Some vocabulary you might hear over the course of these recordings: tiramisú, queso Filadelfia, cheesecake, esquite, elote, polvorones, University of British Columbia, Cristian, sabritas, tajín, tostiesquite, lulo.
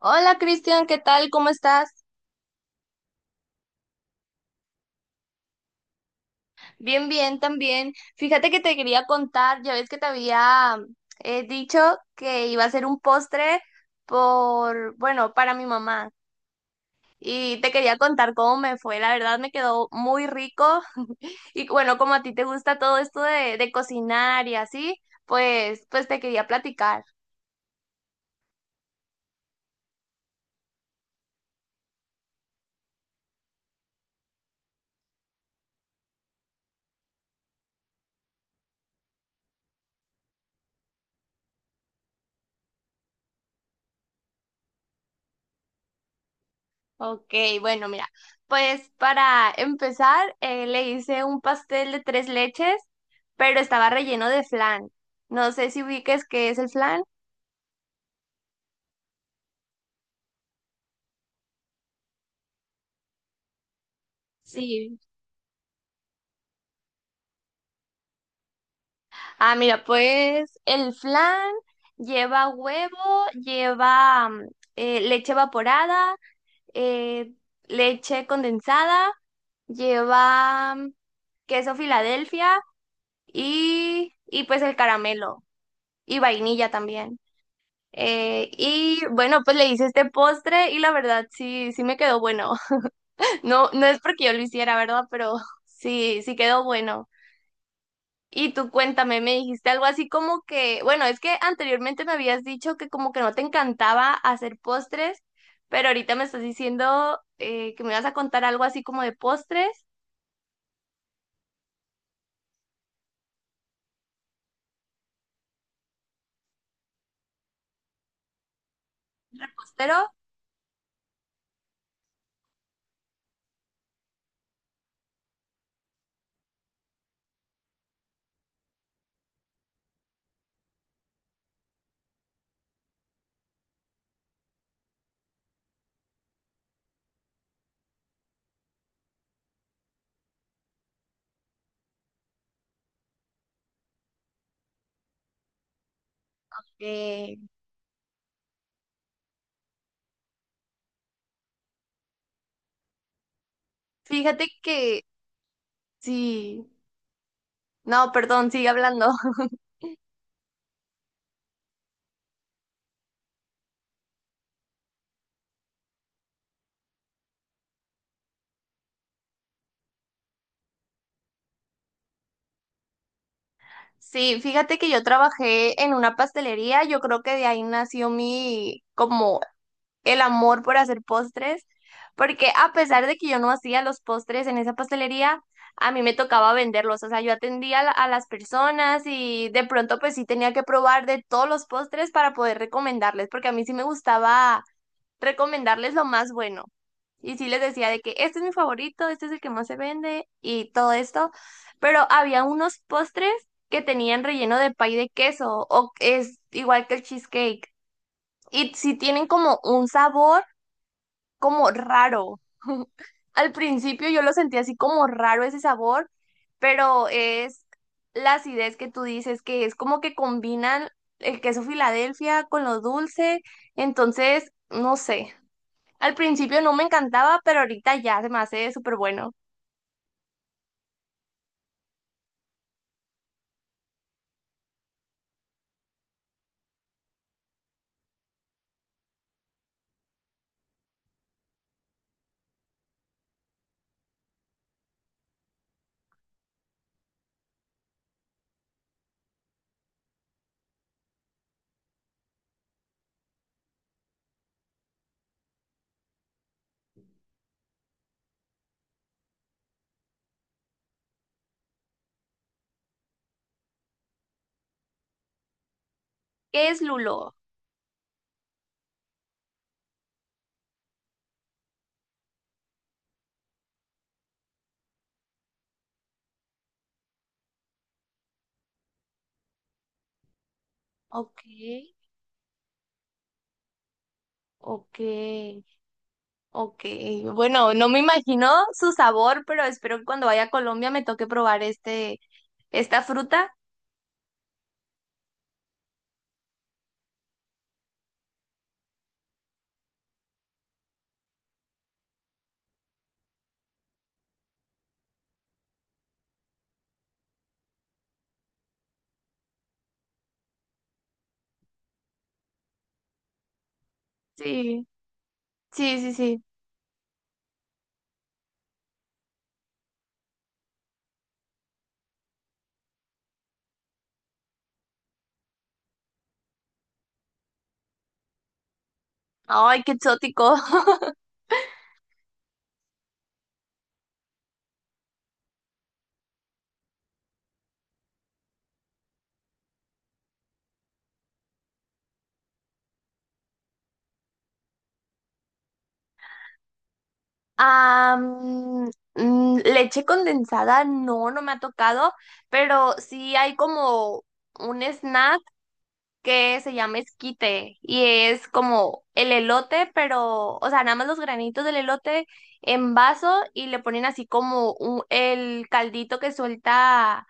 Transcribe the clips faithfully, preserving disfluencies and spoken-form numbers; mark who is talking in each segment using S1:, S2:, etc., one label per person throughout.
S1: Hola Cristian, ¿qué tal? ¿Cómo estás? Bien, bien, también. Fíjate que te quería contar, ya ves que te había eh, dicho que iba a hacer un postre por, bueno, para mi mamá. Y te quería contar cómo me fue. La verdad me quedó muy rico. Y bueno, como a ti te gusta todo esto de, de cocinar y así, pues, pues te quería platicar. Ok, bueno, mira, pues para empezar, eh, le hice un pastel de tres leches, pero estaba relleno de flan. No sé si ubiques qué es el flan. Sí. Ah, mira, pues el flan lleva huevo, lleva mm, eh, leche evaporada, eh, leche condensada, lleva mm, queso Filadelfia y, y pues el caramelo y vainilla también. Eh, y bueno, pues le hice este postre y la verdad sí, sí me quedó bueno. No, no es porque yo lo hiciera, ¿verdad? Pero sí, sí quedó bueno. Y tú cuéntame, me dijiste algo así como que, bueno, es que anteriormente me habías dicho que como que no te encantaba hacer postres, pero ahorita me estás diciendo eh, que me vas a contar algo así como de postres, repostero. Eh, Fíjate que sí, no, perdón, sigue hablando. Sí, fíjate que yo trabajé en una pastelería, yo creo que de ahí nació mi, como el amor por hacer postres, porque a pesar de que yo no hacía los postres en esa pastelería, a mí me tocaba venderlos, o sea, yo atendía a, la- a las personas y de pronto pues sí tenía que probar de todos los postres para poder recomendarles, porque a mí sí me gustaba recomendarles lo más bueno. Y sí les decía de que este es mi favorito, este es el que más se vende y todo esto, pero había unos postres que tenían relleno de pay de queso o es igual que el cheesecake y sí tienen como un sabor como raro. Al principio yo lo sentí así como raro ese sabor, pero es la acidez que tú dices que es como que combinan el queso Filadelfia con lo dulce, entonces no sé. Al principio no me encantaba, pero ahorita ya se me hace súper bueno. ¿Qué es lulo? Ok, ok, ok. Bueno, no me imagino su sabor, pero espero que cuando vaya a Colombia me toque probar este, esta fruta. Sí, sí, sí, sí. Ay, qué exótico. Ah, mm, mm, leche condensada, no, no me ha tocado, pero sí hay como un snack que se llama esquite y es como el elote, pero, o sea, nada más los granitos del elote en vaso y le ponen así como un- el caldito que suelta,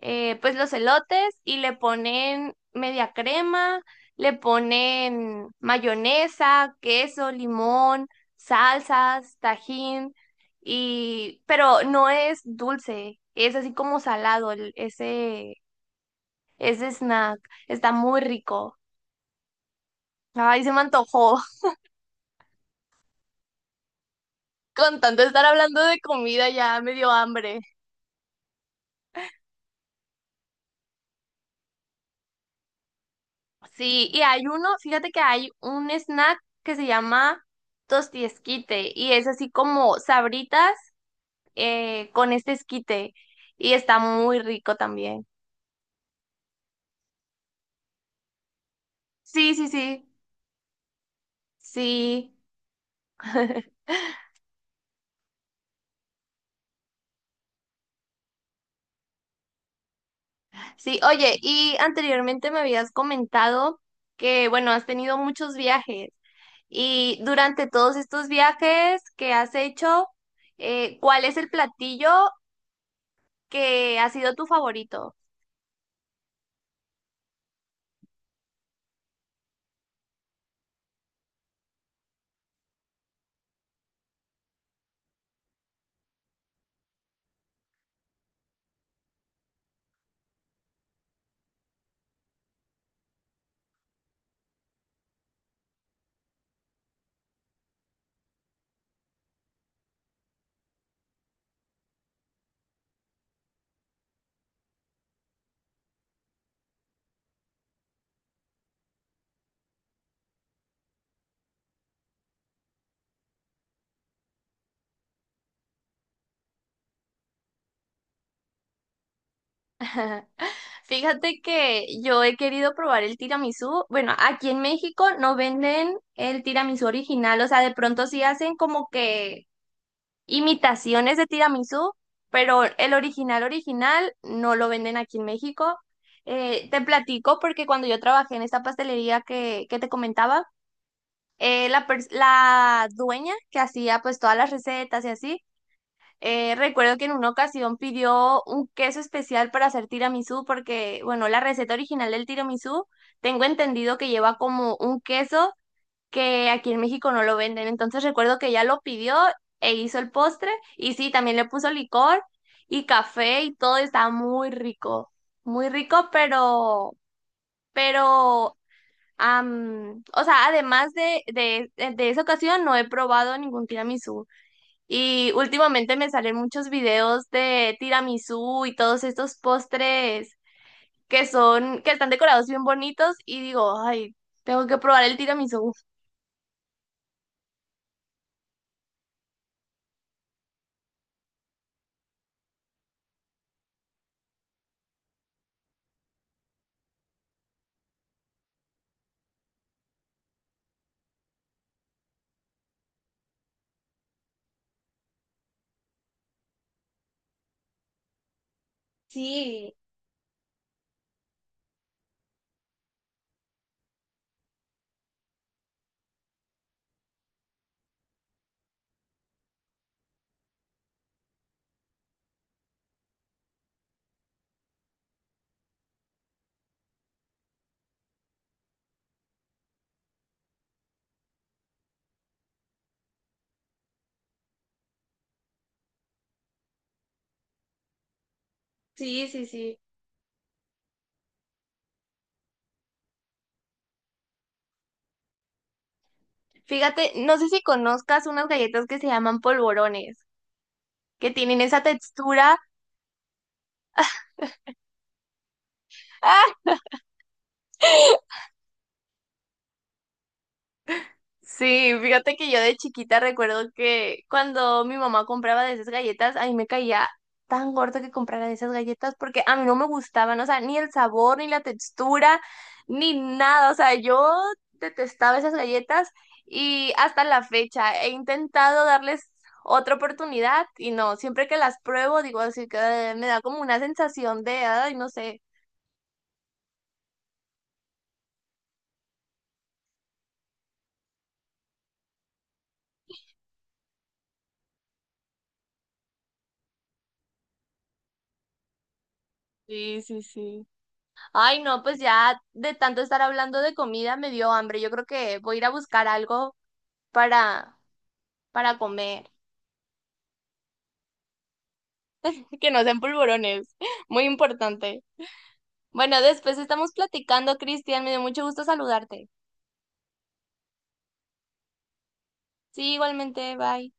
S1: eh, pues los elotes y le ponen media crema, le ponen mayonesa, queso, limón, salsas, tajín y, pero no es dulce, es así como salado el- ese, ese snack, está muy rico. Ay, se me antojó. Con tanto estar hablando de comida ya me dio hambre. Sí, y hay uno, fíjate que hay un snack que se llama tostiesquite y es así como sabritas eh, con este esquite y está muy rico también. Sí, sí, sí, sí. Sí, oye, y anteriormente me habías comentado que, bueno, has tenido muchos viajes y durante todos estos viajes que has hecho, eh, ¿cuál es el platillo que ha sido tu favorito? Fíjate que yo he querido probar el tiramisú. Bueno, aquí en México no venden el tiramisú original, o sea, de pronto sí hacen como que imitaciones de tiramisú, pero el original original no lo venden aquí en México. Eh, te platico porque cuando yo trabajé en esta pastelería que, que te comentaba, eh, la, pers- la dueña que hacía pues todas las recetas y así, eh, recuerdo que en una ocasión pidió un queso especial para hacer tiramisú porque, bueno, la receta original del tiramisú, tengo entendido que lleva como un queso que aquí en México no lo venden. Entonces recuerdo que ella lo pidió e hizo el postre y sí, también le puso licor y café y todo estaba muy rico, muy rico, pero, pero, am, o sea, además de, de, de esa ocasión no he probado ningún tiramisú. Y últimamente me salen muchos videos de tiramisú y todos estos postres que son, que están decorados bien bonitos y digo, ay, tengo que probar el tiramisú. Sí, sí, sí, sí. Fíjate, no sé si conozcas unas galletas que se llaman polvorones, que tienen esa textura. ¡Ah! Sí, fíjate que yo de chiquita recuerdo que cuando mi mamá compraba de esas galletas, a mí me caía tan gordo que comprara de esas galletas porque a mí no me gustaban, o sea, ni el sabor, ni la textura, ni nada, o sea, yo detestaba esas galletas y hasta la fecha he intentado darles otra oportunidad y no, siempre que las pruebo digo así que eh, me da como una sensación de, ay, no sé. Sí, sí, sí. Ay, no, pues ya de tanto estar hablando de comida me dio hambre. Yo creo que voy a ir a buscar algo para, para comer. Que no sean polvorones. Muy importante. Bueno, después estamos platicando, Cristian. Me dio mucho gusto saludarte. Sí, igualmente. Bye.